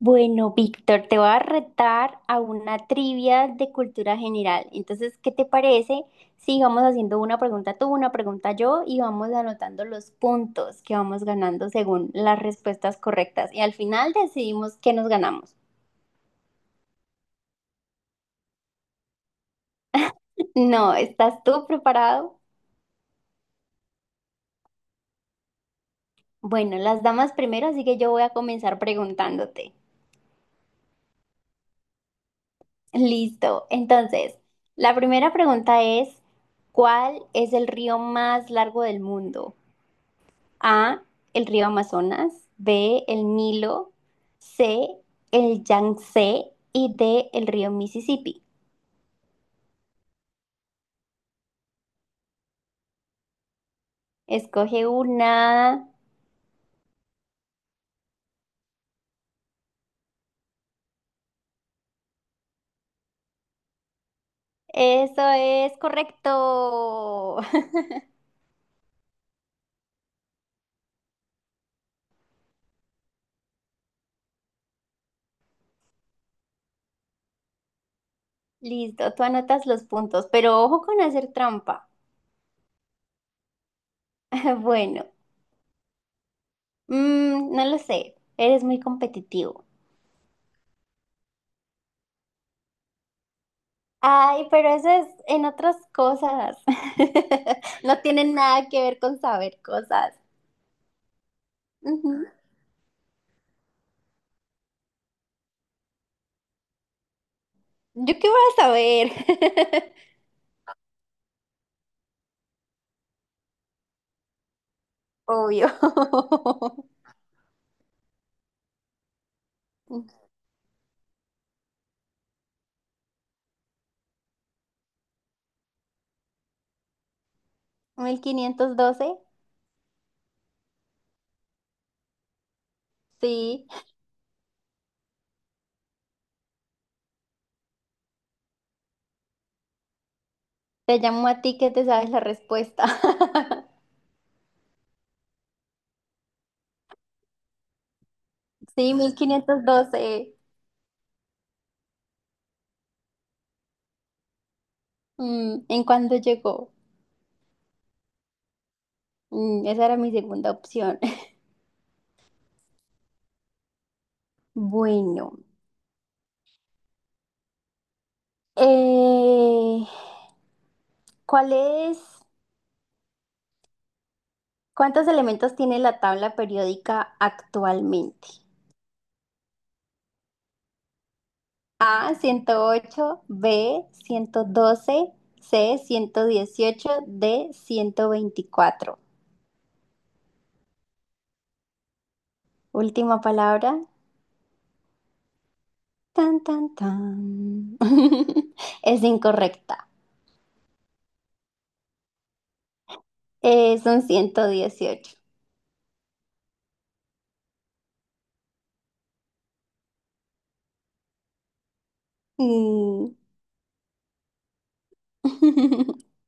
Bueno, Víctor, te voy a retar a una trivia de cultura general. Entonces, ¿qué te parece si vamos haciendo una pregunta tú, una pregunta yo y vamos anotando los puntos que vamos ganando según las respuestas correctas? Y al final decidimos qué nos ganamos. No, ¿estás tú preparado? Bueno, las damas primero, así que yo voy a comenzar preguntándote. Listo. Entonces, la primera pregunta es, ¿cuál es el río más largo del mundo? A, el río Amazonas, B, el Nilo, C, el Yangtze y D, el río Mississippi. Escoge una. Eso es correcto. Listo, tú anotas los puntos, pero ojo con hacer trampa. Bueno, no lo sé, eres muy competitivo. Ay, pero eso es en otras cosas. No tiene nada que ver con saber cosas. Ujú. ¿Yo qué voy a saber? Obvio. Mil quinientos doce. Sí, te llamo a ti que te sabes la respuesta. Sí, 1512. Mm, ¿en cuándo llegó? Mm, esa era mi segunda opción. Bueno, eh, ¿cuál es, cuántos elementos tiene la tabla periódica actualmente? A, 108. B, 112. C, 118. D, 124. Última palabra. Tan, tan, tan. Es incorrecta. Son 118. Mm.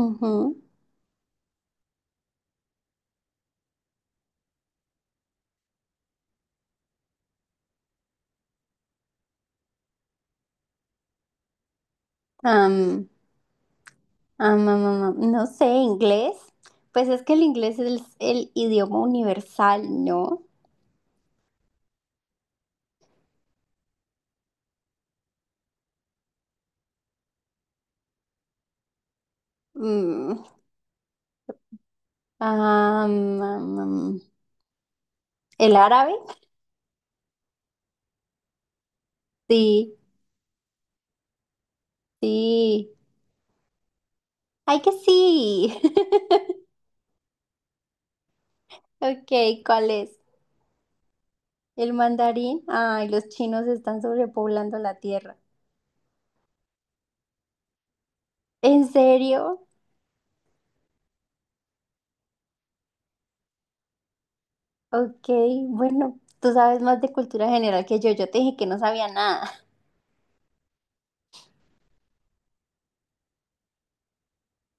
Ujú. Am, am, am, am, am. No sé, inglés. Pues es que el inglés es el idioma universal, ¿no? Mm. Am, am, am. ¿El árabe? Sí, sí. ¡Ay, que sí! Ok, ¿cuál es? ¿El mandarín? Ay, los chinos están sobrepoblando la tierra. ¿En serio? Ok, bueno, tú sabes más de cultura general que yo. Yo te dije que no sabía nada.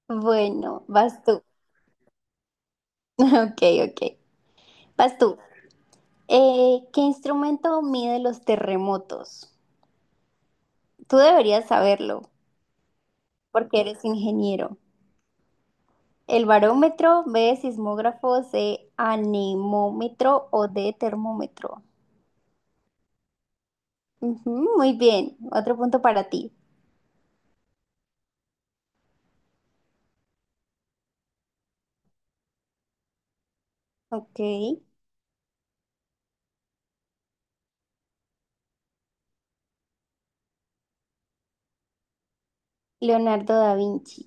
Bueno, vas tú. Ok, ok. Vas tú. ¿Qué instrumento mide los terremotos? Tú deberías saberlo, porque eres ingeniero. ¿El barómetro, B, sismógrafo, C, anemómetro o D, termómetro? Ujú, muy bien, otro punto para ti. Ok. Leonardo da Vinci,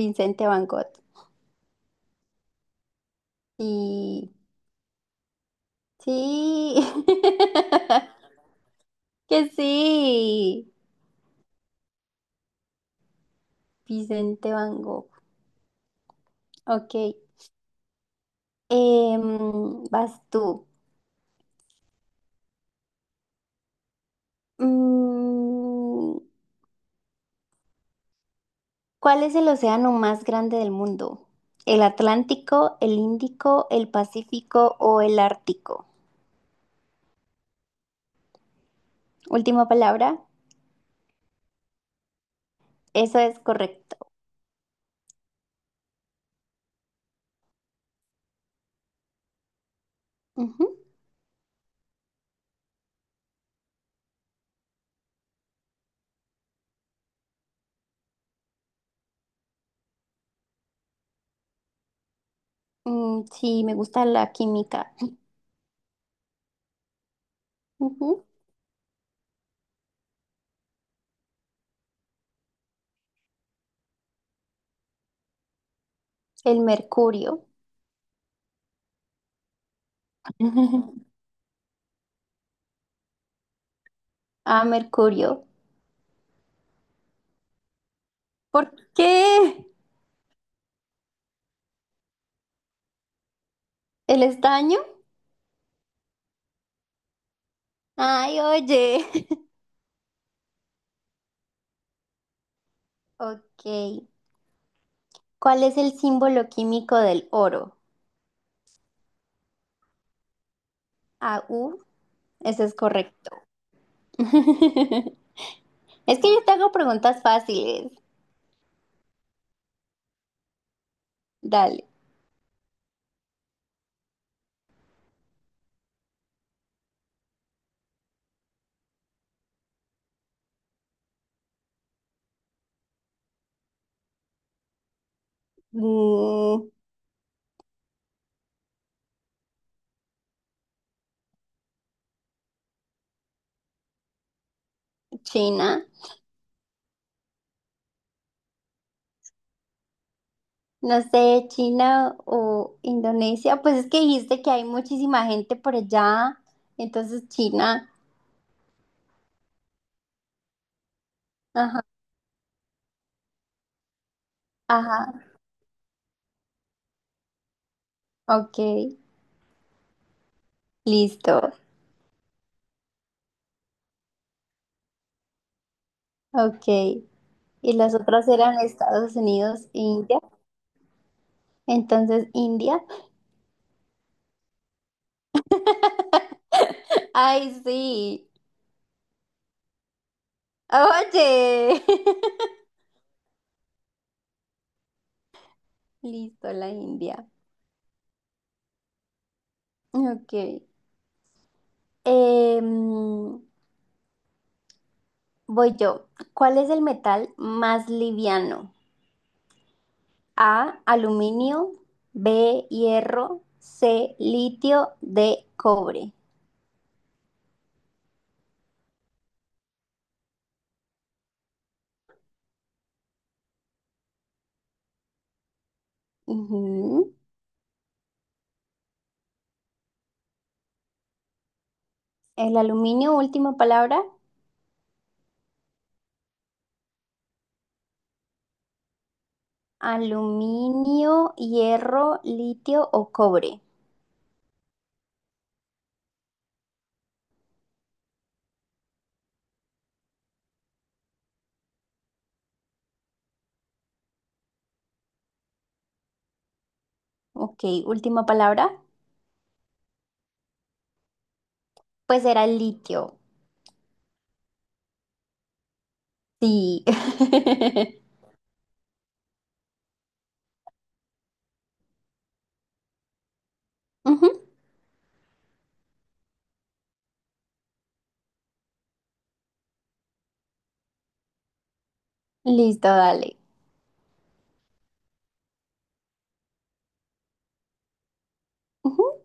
Vincente Van Gogh. Y sí, que sí, Vicente Van Gogh. Ok, vas tú. Mm, ¿cuál es el océano más grande del mundo? ¿El Atlántico, el Índico, el Pacífico o el Ártico? Última palabra, eso es correcto. Ujú. Mm, sí, me gusta la química. Ujú. El mercurio. Ah, mercurio. ¿Por qué? ¿El estaño? Ay, oye. Ok. ¿Cuál es el símbolo químico del oro? Au. Ese es correcto. Es que yo te hago preguntas fáciles. Dale. Mm, China. No sé, China o Indonesia. Pues es que dijiste que hay muchísima gente por allá. Entonces, China. Ajá. Ajá. Ok. Listo. Ok. Y las otras eran Estados Unidos e India. Entonces, India. Ay, sí. Oye. Listo, la India. Ok. Em, voy yo. ¿Cuál es el metal más liviano? A, aluminio, B, hierro, C, litio, D, cobre. Ujú. El aluminio, última palabra. Aluminio, hierro, litio o cobre. Ok, última palabra. Pues era el litio. Sí. Ujú. Listo, dale. Ujú.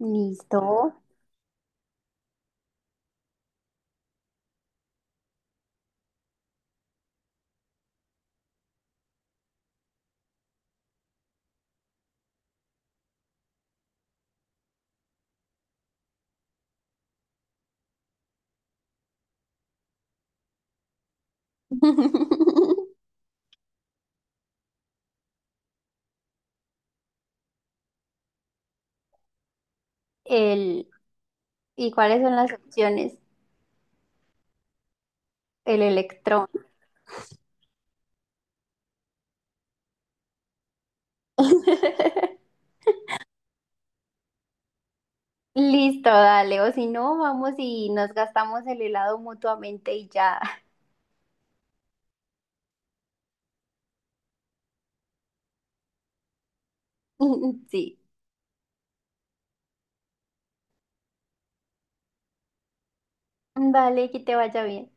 Listo. El, ¿y cuáles son las opciones? El electrón. Listo, dale. O si no, vamos y nos gastamos el helado mutuamente y ya. Sí. Vale, que te vaya bien.